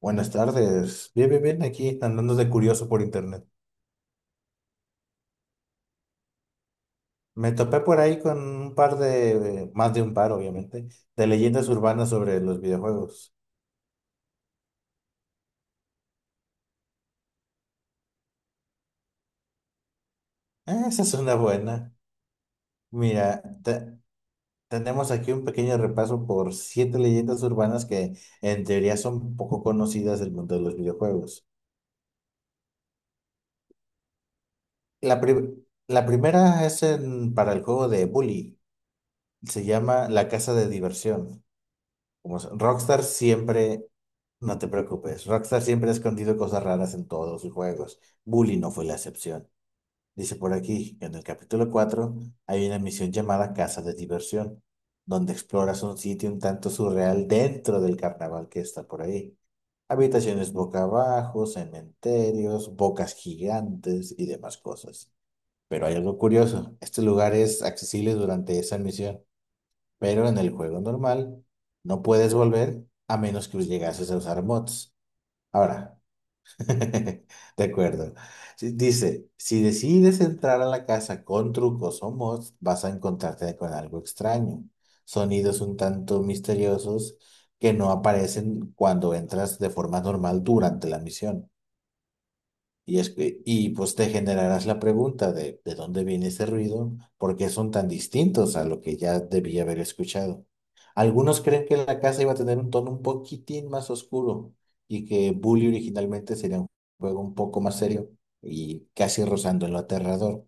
Buenas tardes. Bien, bien, bien, aquí andando de curioso por internet. Me topé por ahí con un par de, más de un par, obviamente, de leyendas urbanas sobre los videojuegos. Ah, esa es una buena. Mira, tenemos aquí un pequeño repaso por siete leyendas urbanas que en teoría son poco conocidas del mundo de los videojuegos. La primera es para el juego de Bully. Se llama La Casa de Diversión. Rockstar siempre. No te preocupes, Rockstar siempre ha escondido cosas raras en todos sus juegos. Bully no fue la excepción. Dice por aquí que en el capítulo cuatro hay una misión llamada Casa de Diversión, donde exploras un sitio un tanto surreal dentro del carnaval que está por ahí. Habitaciones boca abajo, cementerios, bocas gigantes y demás cosas. Pero hay algo curioso, este lugar es accesible durante esa misión, pero en el juego normal no puedes volver a menos que llegases a usar mods. Ahora, de acuerdo. Sí, dice, si decides entrar a la casa con trucos o mods, vas a encontrarte con algo extraño. Sonidos un tanto misteriosos que no aparecen cuando entras de forma normal durante la misión. Y, es que, y pues te generarás la pregunta ¿de dónde viene ese ruido? ¿Por qué son tan distintos a lo que ya debía haber escuchado? Algunos creen que la casa iba a tener un tono un poquitín más oscuro y que Bully originalmente sería un juego un poco más serio y casi rozando en lo aterrador.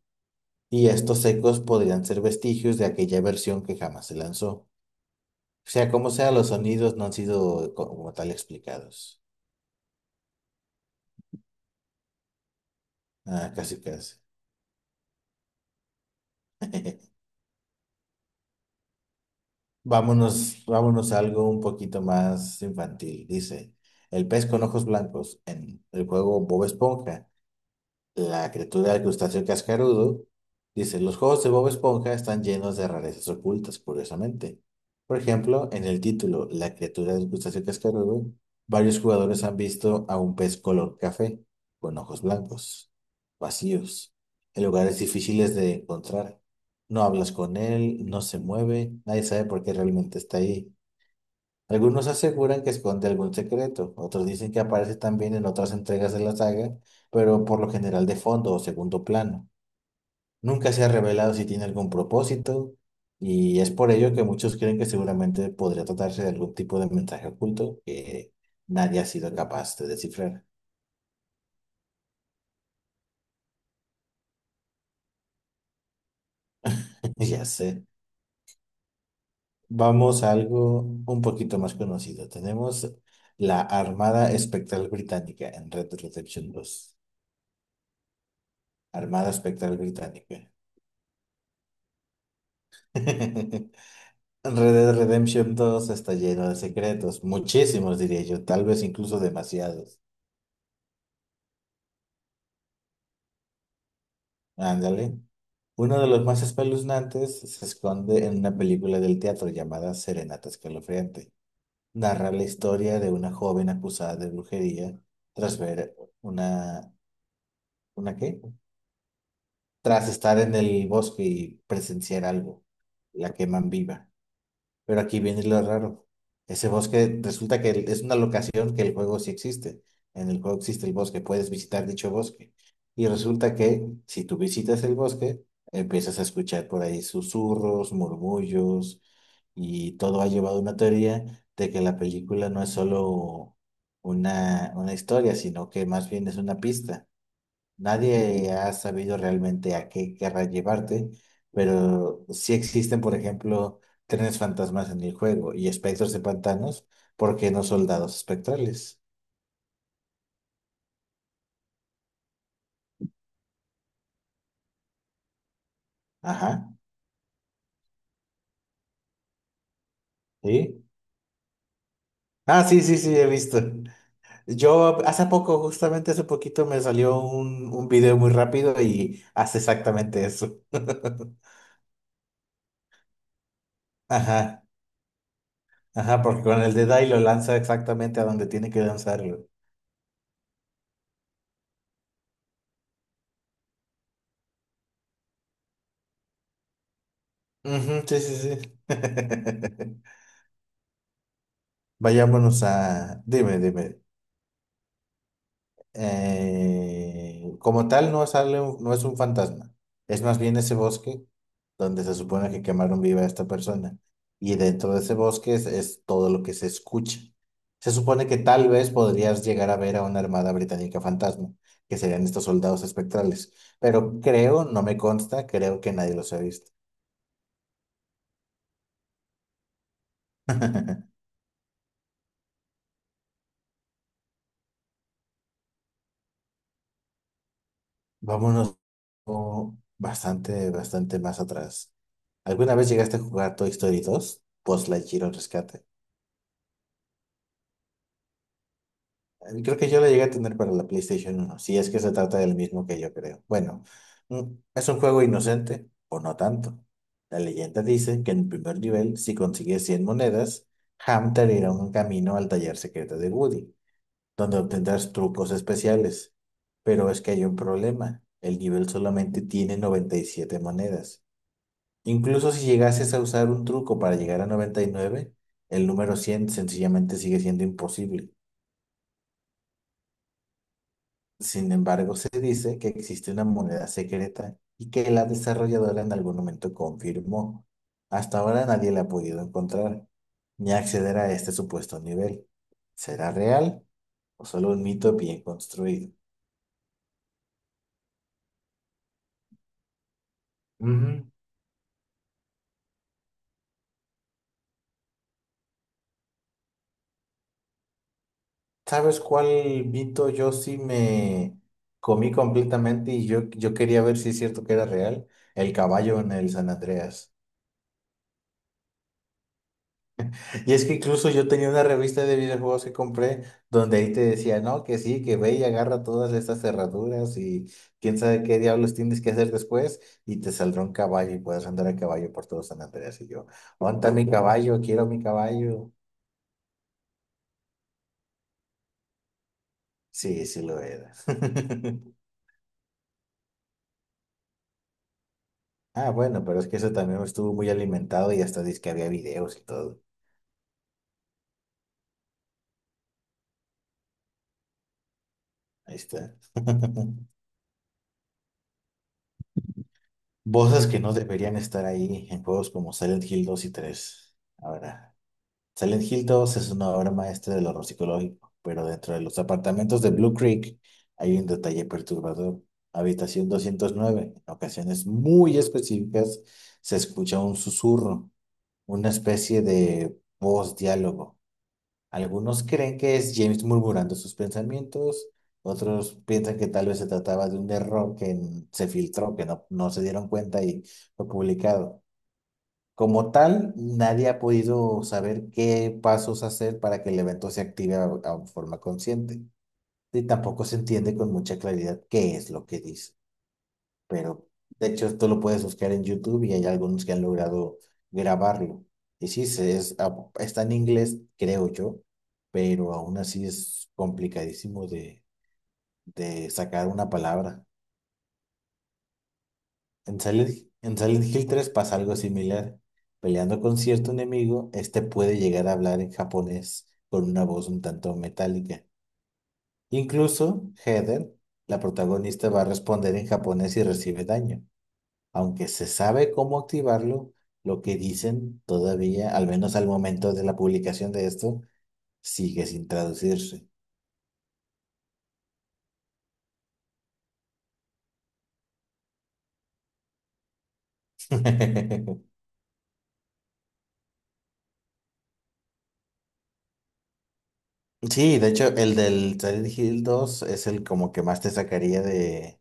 Y estos ecos podrían ser vestigios de aquella versión que jamás se lanzó. Sea como sea, los sonidos no han sido como tal explicados. Ah, casi casi. Vámonos, vámonos a algo un poquito más infantil. Dice, el pez con ojos blancos en el juego Bob Esponja, la criatura del crustáceo cascarudo. Dice, los juegos de Bob Esponja están llenos de rarezas ocultas, curiosamente. Por ejemplo, en el título La criatura del crustáceo cascarudo, varios jugadores han visto a un pez color café, con ojos blancos, vacíos, en lugares difíciles de encontrar. No hablas con él, no se mueve, nadie sabe por qué realmente está ahí. Algunos aseguran que esconde algún secreto, otros dicen que aparece también en otras entregas de la saga, pero por lo general de fondo o segundo plano. Nunca se ha revelado si tiene algún propósito, y es por ello que muchos creen que seguramente podría tratarse de algún tipo de mensaje oculto que nadie ha sido capaz de descifrar. Ya sé. Vamos a algo un poquito más conocido. Tenemos la Armada Espectral Británica en Red Dead Redemption dos. Armada Espectral Británica. Red Dead Redemption dos está lleno de secretos, muchísimos diría yo, tal vez incluso demasiados. Ándale. Uno de los más espeluznantes se esconde en una película del teatro llamada Serenata Escalofriante. Narra la historia de una joven acusada de brujería tras ver una... ¿Una qué? Tras estar en el bosque y presenciar algo. La queman viva. Pero aquí viene lo raro. Ese bosque resulta que es una locación que el juego sí existe. En el juego existe el bosque, puedes visitar dicho bosque. Y resulta que si tú visitas el bosque, empiezas a escuchar por ahí susurros, murmullos, y todo ha llevado a una teoría de que la película no es solo una historia, sino que más bien es una pista. Nadie ha sabido realmente a qué querrá llevarte, pero sí existen, por ejemplo, trenes fantasmas en el juego y espectros de pantanos, ¿por qué no soldados espectrales? Ajá, ¿sí? Ah, sí, sí, sí, he visto. Yo hace poco, justamente hace poquito, me salió un video muy rápido y hace exactamente eso. Ajá, ajá, porque con el de y lo lanza exactamente a donde tiene que lanzarlo. Ujú, sí, sí, sí. Vayámonos a, dime, dime, como tal no sale no es un fantasma, es más bien ese bosque donde se supone que quemaron viva a esta persona y dentro de ese bosque es todo lo que se escucha. Se supone que tal vez podrías llegar a ver a una armada británica fantasma, que serían estos soldados espectrales, pero creo, no me consta, creo que nadie los ha visto. Vámonos o bastante, bastante más atrás. ¿Alguna vez llegaste a jugar Toy Story dos: Post Lightyear o Rescate? Creo que yo lo llegué a tener para la PlayStation uno si es que se trata del mismo que yo creo. Bueno, mm, es un juego inocente, o no tanto. La leyenda dice que en el primer nivel, si consigues 100 monedas, Ham te abrirá un camino al taller secreto de Woody, donde obtendrás trucos especiales. Pero es que hay un problema. El nivel solamente tiene 97 monedas. Incluso si llegases a usar un truco para llegar a 99, el número 100 sencillamente sigue siendo imposible. Sin embargo, se dice que existe una moneda secreta y que la desarrolladora en algún momento confirmó. Hasta ahora nadie la ha podido encontrar ni acceder a este supuesto nivel. ¿Será real o solo un mito bien construido? Ujú. ¿Sabes cuál mito yo sí me comí completamente y yo quería ver si es cierto que era real? El caballo en el San Andreas. Y es que incluso yo tenía una revista de videojuegos que compré donde ahí te decía, no, que sí, que ve y agarra todas estas cerraduras y quién sabe qué diablos tienes que hacer después y te saldrá un caballo y puedes andar a caballo por todo San Andreas. Y yo, ¿dónde está mi caballo? Quiero mi caballo. Sí, sí lo era. Ah, bueno, pero es que eso también estuvo muy alimentado y hasta dice que había videos y todo. Ahí está. Voces que no deberían estar ahí en juegos como Silent Hill dos y 3. Ahora, Silent Hill dos es una obra maestra del horror psicológico, pero dentro de los apartamentos de Blue Creek hay un detalle perturbador. Habitación 209. En ocasiones muy específicas se escucha un susurro, una especie de voz, diálogo. Algunos creen que es James murmurando sus pensamientos, otros piensan que tal vez se trataba de un error que se filtró, que no se dieron cuenta y fue publicado. Como tal, nadie ha podido saber qué pasos hacer para que el evento se active a forma consciente. Y tampoco se entiende con mucha claridad qué es lo que dice, pero de hecho esto lo puedes buscar en YouTube y hay algunos que han logrado grabarlo. Y sí, es, está en inglés, creo yo, pero aún así es complicadísimo de sacar una palabra. En Silent, en Silent Hill tres pasa algo similar. Peleando con cierto enemigo, este puede llegar a hablar en japonés con una voz un tanto metálica. Incluso Heather, la protagonista, va a responder en japonés y recibe daño. Aunque se sabe cómo activarlo, lo que dicen todavía, al menos al momento de la publicación de esto, sigue sin traducirse. Sí, de hecho, el del Silent Hill dos es el como que más te sacaría de,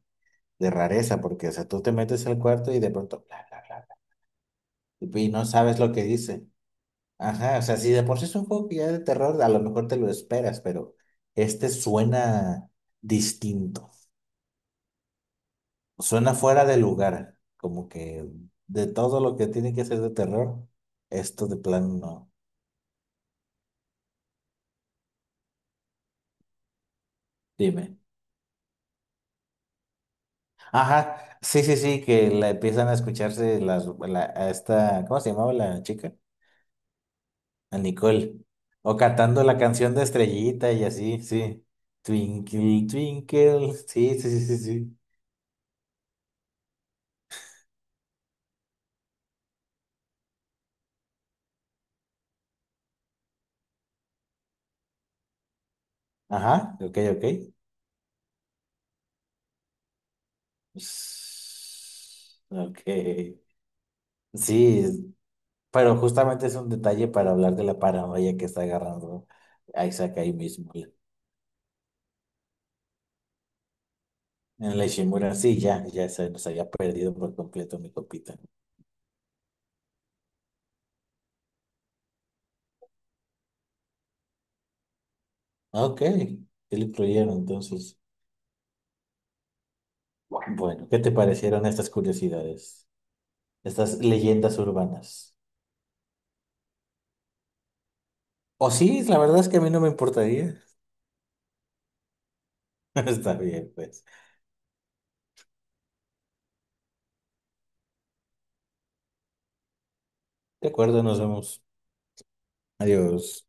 de rareza, porque, o sea, tú te metes al cuarto y de pronto, bla, bla, bla, bla, y no sabes lo que dice. Ajá, o sea, si de por sí es un juego que ya es de terror, a lo mejor te lo esperas, pero este suena distinto. Suena fuera de lugar, como que de todo lo que tiene que ser de terror, esto de plano no. Dime. Ajá, sí, sí, sí, que la empiezan a escucharse a esta, ¿cómo se llamaba la chica? A Nicole. O cantando la canción de Estrellita y así, sí. Twinkle, twinkle. Sí, sí, sí, sí, sí. Ajá, ok, ok. Ps- Ok. Sí, pero justamente es un detalle para hablar de la paranoia que está agarrando Isaac ahí mismo. En la Ishimura, sí, ya, ya se nos había perdido por completo mi copita. Ok, sí lo incluyeron entonces. Bueno, ¿qué te parecieron estas curiosidades? Estas leyendas urbanas. O sí, la verdad es que a mí no me importaría. Está bien, pues. De acuerdo, nos vemos. Adiós.